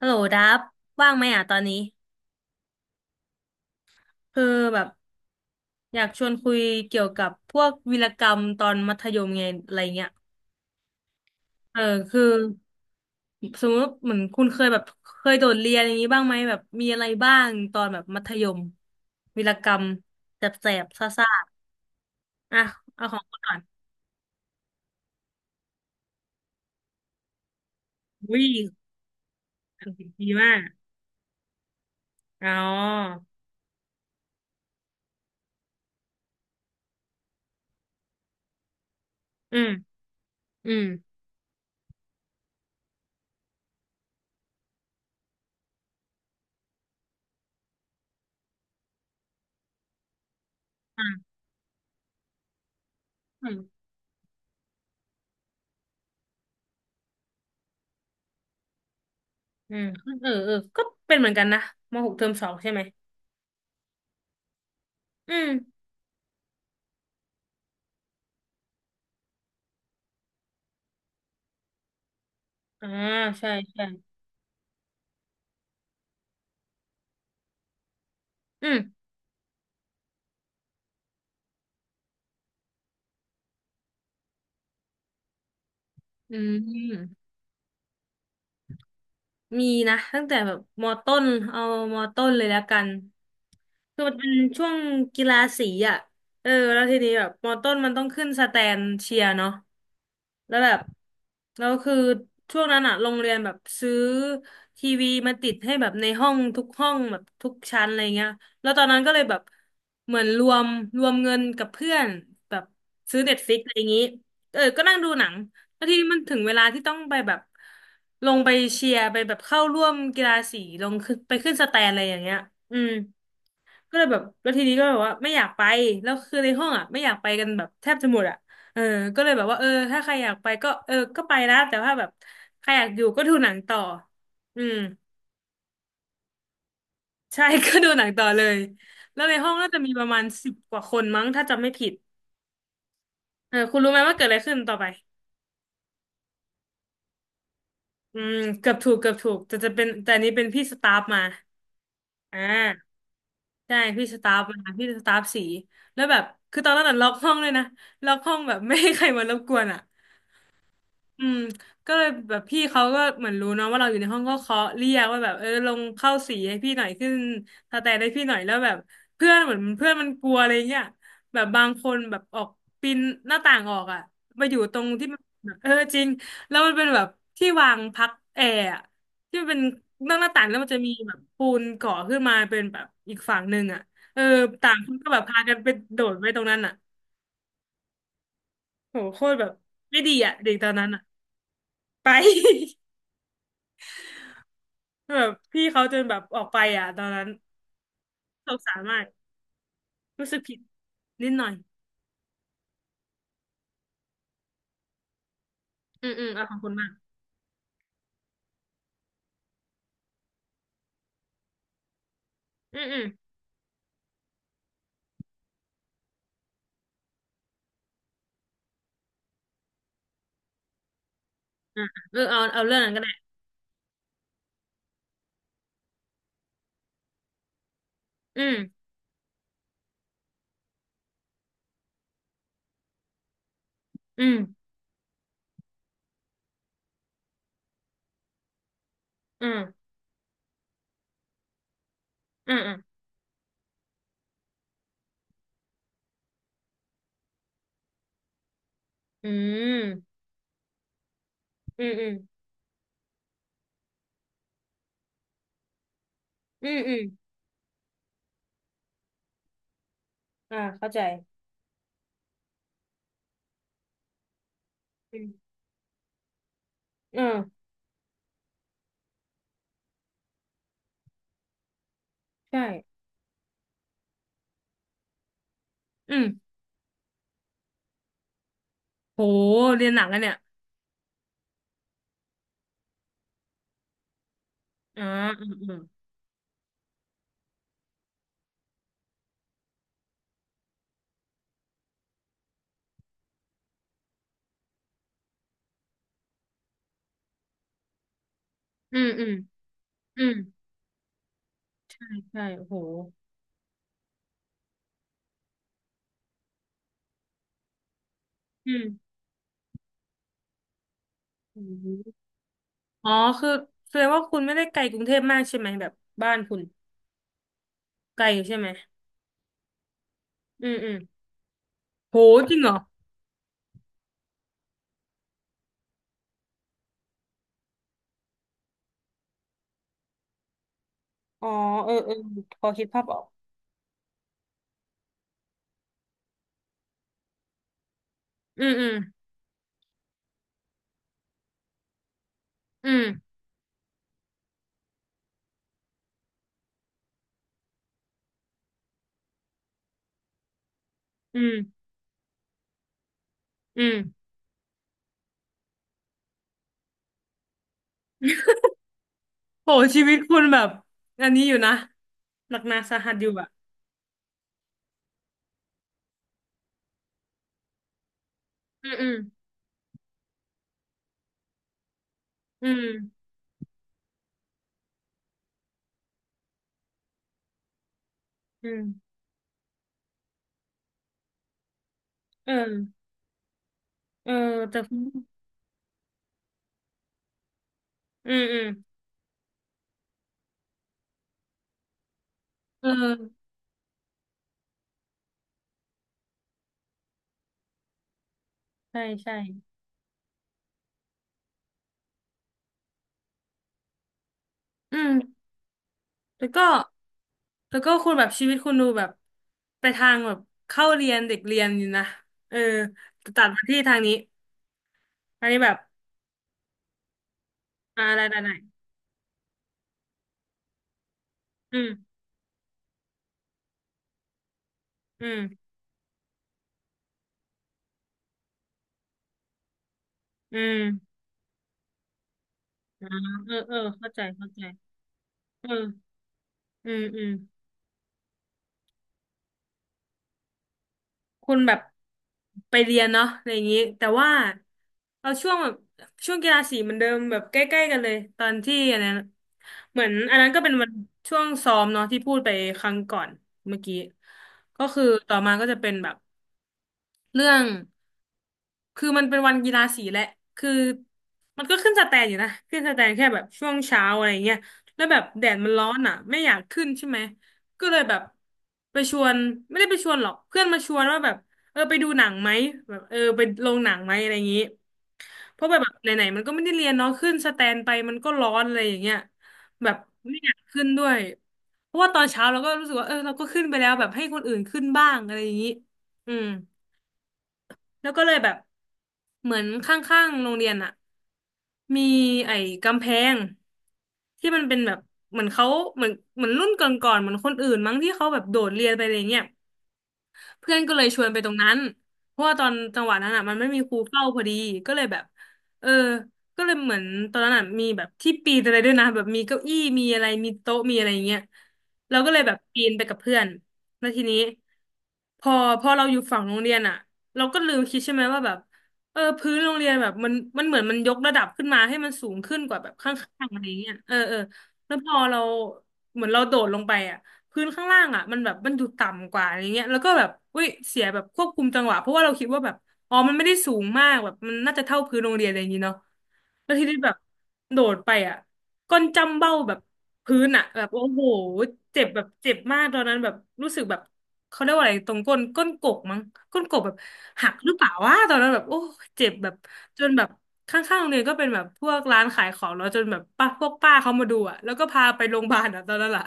ฮัลโหลดับว่างไหมอ่ะตอนนี้คือแบบอยากชวนคุยเกี่ยวกับพวกวีรกรรมตอนมัธยมไงอะไรเงี้ยเออคือสมมติเหมือนคุณเคยแบบเคยโดดเรียนอย่างนี้บ้างไหมแบบมีอะไรบ้างตอนแบบมัธยมวีรกรรมแสบๆซ่าซ่าๆอ่ะเอาของคุณก่อนวิ่งดีมากอ๋ออืมอืมอ่ะอืมอืมเออเออก็เป็นเหมือนกันนะมหกเทอมสองใช่ไหมอืมอ่าใช่ใช่ อืมอืมมีนะตั้งแต่แบบมอต้นเอามอต้นเลยแล้วกันคือมันเป็นช่วงกีฬาสีอ่ะเออแล้วทีนี้แบบมอต้นมันต้องขึ้นสแตนเชียร์เนาะ แล้วแบบแล้วคือช่วงนั้นอะโรงเรียนแบบซื้อทีวีมาติดให้แบบในห้องทุกห้องแบบทุกชั้นอะไรเงี้ยแล้วตอนนั้นก็เลยแบบเหมือนรวมเงินกับเพื่อนแบบซื้อเน็ตฟลิกอะไรอย่างงี้เออก็นั่งดูหนังแล้วทีนี้มันถึงเวลาที่ต้องไปแบบลงไปเชียร์ไปแบบเข้าร่วมกีฬาสีลงขึ้นไปขึ้นสแตนอะไรอย่างเงี้ยอืม ก็เลยแบบแล้วทีนี้ก็แบบว่าไม่อยากไปแล้วคือในห้องอ่ะไม่อยากไปกันแบบแทบจะหมดอ่ะเออก็เลยแบบว่าเออถ้าใครอยากไปก็เออก็ไปนะแต่ว่าแบบใครอยากอยู่ก็ดูหนังต่ออืมใช่ ก็ดูหนังต่อเลยแล้วในห้องน่าจะมีประมาณสิบกว่าคนมั้งถ้าจำไม่ผิดเออคุณรู้ไหมว่าเกิดอะไรขึ้นต่อไปอืมเกือบถูกเกือบถูกแต่จะเป็นแต่อันนี้เป็นพี่สตาฟมาอ่าใช่พี่สตาฟมาพี่สตาฟสีแล้วแบบคือตอนนั้นน่ะล็อกห้องเลยนะล็อกห้องแบบไม่ให้ใครมารบกวนอ่ะ อืมก็เลยแบบพี่เขาก็เหมือนรู้เนาะว่าเราอยู่ในห้องก็เคาะเรียกว่าแบบเออลงเข้าสีให้พี่หน่อยขึ้นสแตนให้พี่หน่อยแล้วแบบเพื่อนเหมือนเพื่อนมันกลัวอะไรเงี้ยแบบบางคนแบบออกปีนหน้าต่างออกอ่ะมาอยู่ตรงที่มันเออจริงแล้วมันเป็นแบบที่วางพักแอร์อะที่มันเป็นนอกหน้าต่างแล้วมันจะมีแบบปูนก่อขึ้นมาเป็นแบบอีกฝั่งหนึ่งอ่ะเออต่างคนก็แบบพากันไปโดดไปตรงนั้นอ่ะโหโคตรแบบไม่ดีอ่ะเด็กตอนนั้นอ่ะไป แบบพี่เขาจนแบบออกไปอ่ะตอนนั้นสงสารมากรู้สึกผิดนิดหน่อยอืมอืมเอาของคุณมากอืมอืมอ่าเออเอาเอาเรื่องนั้นก็ได้อืมอืมอืมอืมอืมอืมอืมอืมอืมอ่าเข้าใจอืมเออใช่อืมโหเรียนหนักกันเนี่ยอ่าอืมอืมอืมอืมอืมใช่โอ้โหอืมอืมอ๋อคือแสดงว่าคุณไม่ได้ไกลกรุงเทพมากใช่ไหมแบบบ้านคุณไกลอยู่ใช่ไหมอืมอืมโหจริงเหรอ อ๋อเออเออพอคิดภาพออกอืมอืมอืมอืมอืมโหชีวิตคุณแบบอันนี้อยู่นะหนักหนาสาหัสอยู่อะอืมอืมอืมอืมเออเออแต่คุณอืมอืมเออใช่ใช่อืมแล้วก็แล้วก็คุณแบบชีวิตคุณดูแบบไปทางแบบเข้าเรียนเด็กเรียนอยู่นะเออแต่ตัดมาที่ทางนี้อันนี้แบบอะไรไหนๆอืมอืมอืมอ่าเออเออเข้าใจเข้าใจ อืมอืมอืมคุณแบบไปเรียนเนาะอะไรอย่างนี้แต่ว่าเอาช่วงแบบช่วงกีฬาสีเหมือนเดิมแบบใกล้ๆกันเลยตอนที่อันนั้นเหมือนอันนั้นก็เป็นวันช่วงซ้อมเนาะที่พูดไปครั้งก่อนเมื่อกี้ก็คือต่อมาก็จะเป็นแบบเรื่อง คือมันเป็นวันกีฬาสีแหละคือมันก็ขึ้นสแตนอยู่นะขึ้นสแตนแค่แบบช่วงเช้าอะไรเงี้ยแล้วแบบแดดมันร้อนอ่ะไม่อยากขึ้นใช่ไหม ก็เลยแบบไปชวนไม่ได้ไปชวนหรอกเพื่อนมาชวนว่าแบบเออไปดูหนังไหมแบบเออไปโรงหนังไหมอะไรอย่างนี้เพราะแบบไหนๆมันก็ไม่ได้เรียนเนาะขึ้นสแตนไปมันก็ร้อนอะไรอย่างเงี้ยแบบไม่อยากขึ้นด้วยเพราะว่าตอนเช้าเราก็รู้สึกว่าเออเราก็ขึ้นไปแล้วแบบให้คนอื่นขึ้นบ้างอะไรอย่างนี้อืม แล้วก็เลยแบบเหมือนข้างๆโรงเรียนอะมีไอ้กำแพงที่มันเป็นแบบเหมือนเขาเหมือนเหมือนรุ่นก่อนๆเหมือนคนอื่นมั้งที่เขาแบบโดดเรียนไปอะไรเงี้ย เพื่อนก็เลยชวนไปตรงนั้นเพราะว่าตอนจังหวะนั้นอ่ะมันไม่มีครูเฝ้าพอดีก็เลยแบบเออก็เลยเหมือนตอนนั้นอ่ะมีแบบที่ปีนอะไรด้วยนะแบบมีเก้าอี้ มีอะไร มีโต๊ะ มีอะไรอย่างเงี้ยเราก็เลยแบบปีนไปกับเพื่อนแล้วทีนี้พอพอเราอยู่ฝั่งโรงเรียนอ่ะเราก็ลืมคิดใช่ไหมว่าแบบเออพื้นโรงเรียนแบบมันเหมือนมันยกระดับขึ้นมาให้มันสูงขึ้นกว่าแบบข้างๆอะไรเงี้ยเออเออแล้วพอเราเหมือนเราโดดลงไปอ่ะ พื้นข้างล่างอ่ะมันแบบมันดูต่ำกว่าอะไรเงี้ยแล้วก็แบบอุ้ยเสียแบบควบคุมจังหวะเพราะว่าเราคิดว่าแบบอ๋อมันไม่ได้สูงมากแบบมันน่าจะเท่าพื้นโรงเรียนอะไรอย่างงี้เนาะแล้วทีนี้แบบโดดไปอ่ะก้นจ้ำเบ้าแบบพื้นอ่ะแบบโอ้โหเจ็บแบบเจ็บมากตอนนั้นแบบรู้สึกแบบเขาเรียกว่าอะไรตรงก้นกบมั้งก้นกบแบบหักหรือเปล่าวะตอนนั้นแบบโอ้เจ็บแบบจนแบบข้างๆโรงเรียนก็เป็นแบบพวกร้านขายของแล้วจนแบบป้าพวกป้าเขามาดูอ่ะแล้วก็พาไปโรงพยาบาลอ่ะตอนนั้นล่ะ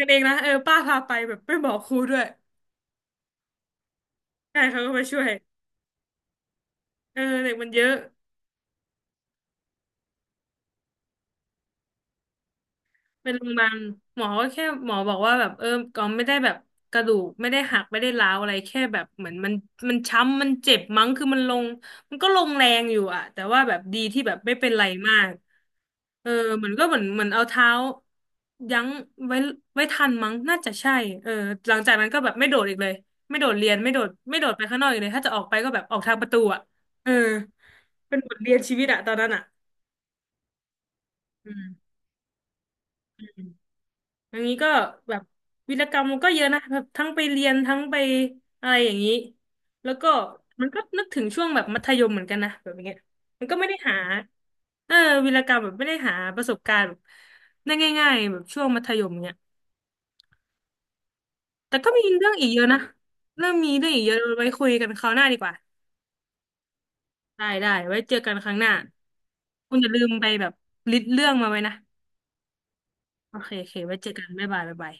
กันเองนะเออป้าพาไปแบบไม่บอกครูด้วยใช่เขาก็มาช่วยเออเด็กมันเยอะ เป็นโรงพยาบาลหมอก็แค่หมอบอกว่าแบบเออก็ไม่ได้แบบกระดูกไม่ได้หักไม่ได้ร้าวอะไรแค่แบบเหมือนมันช้ำมันเจ็บมั้งคือมันลงมันก็ลงแรงอยู่อะแต่ว่าแบบดีที่แบบไม่เป็นไรมากเออเหมือนก็เหมือนเอาเท้ายั้งไว้ไว้ทันมั้งน่าจะใช่เออหลังจากนั้นก็แบบไม่โดดอีกเลยไม่โดดเรียนไม่โดดไปข้างนอกอีกเลยถ้าจะออกไปก็แบบออกทางประตูอะเออเป็นบทเรียนชีวิตอะตอนนั้นอะอืม อย่างนี้ก็แบบวีรกรรมมันก็เยอะนะแบบทั้งไปเรียนทั้งไปอะไรอย่างนี้แล้วก็มันก็นึกถึงช่วงแบบมัธยมเหมือนกันนะแบบอย่างเงี้ยมันก็ไม่ได้หาเออวีรกรรมแบบไม่ได้หาประสบการณ์แบบได้ง่ายๆแบบช่วงมัธยมเนี้ยแต่ก็มีเรื่องอีกเยอะนะเรื่องมีเรื่องอีกเยอะไว้คุยกันคราวหน้าดีกว่าได้ไว้เจอกันครั้งหน้าคุณอย่าลืมไปแบบลิสต์เรื่องมาไว้นะโอเคโอเคไว้เจอกันบ๊ายบายบ๊ายบาย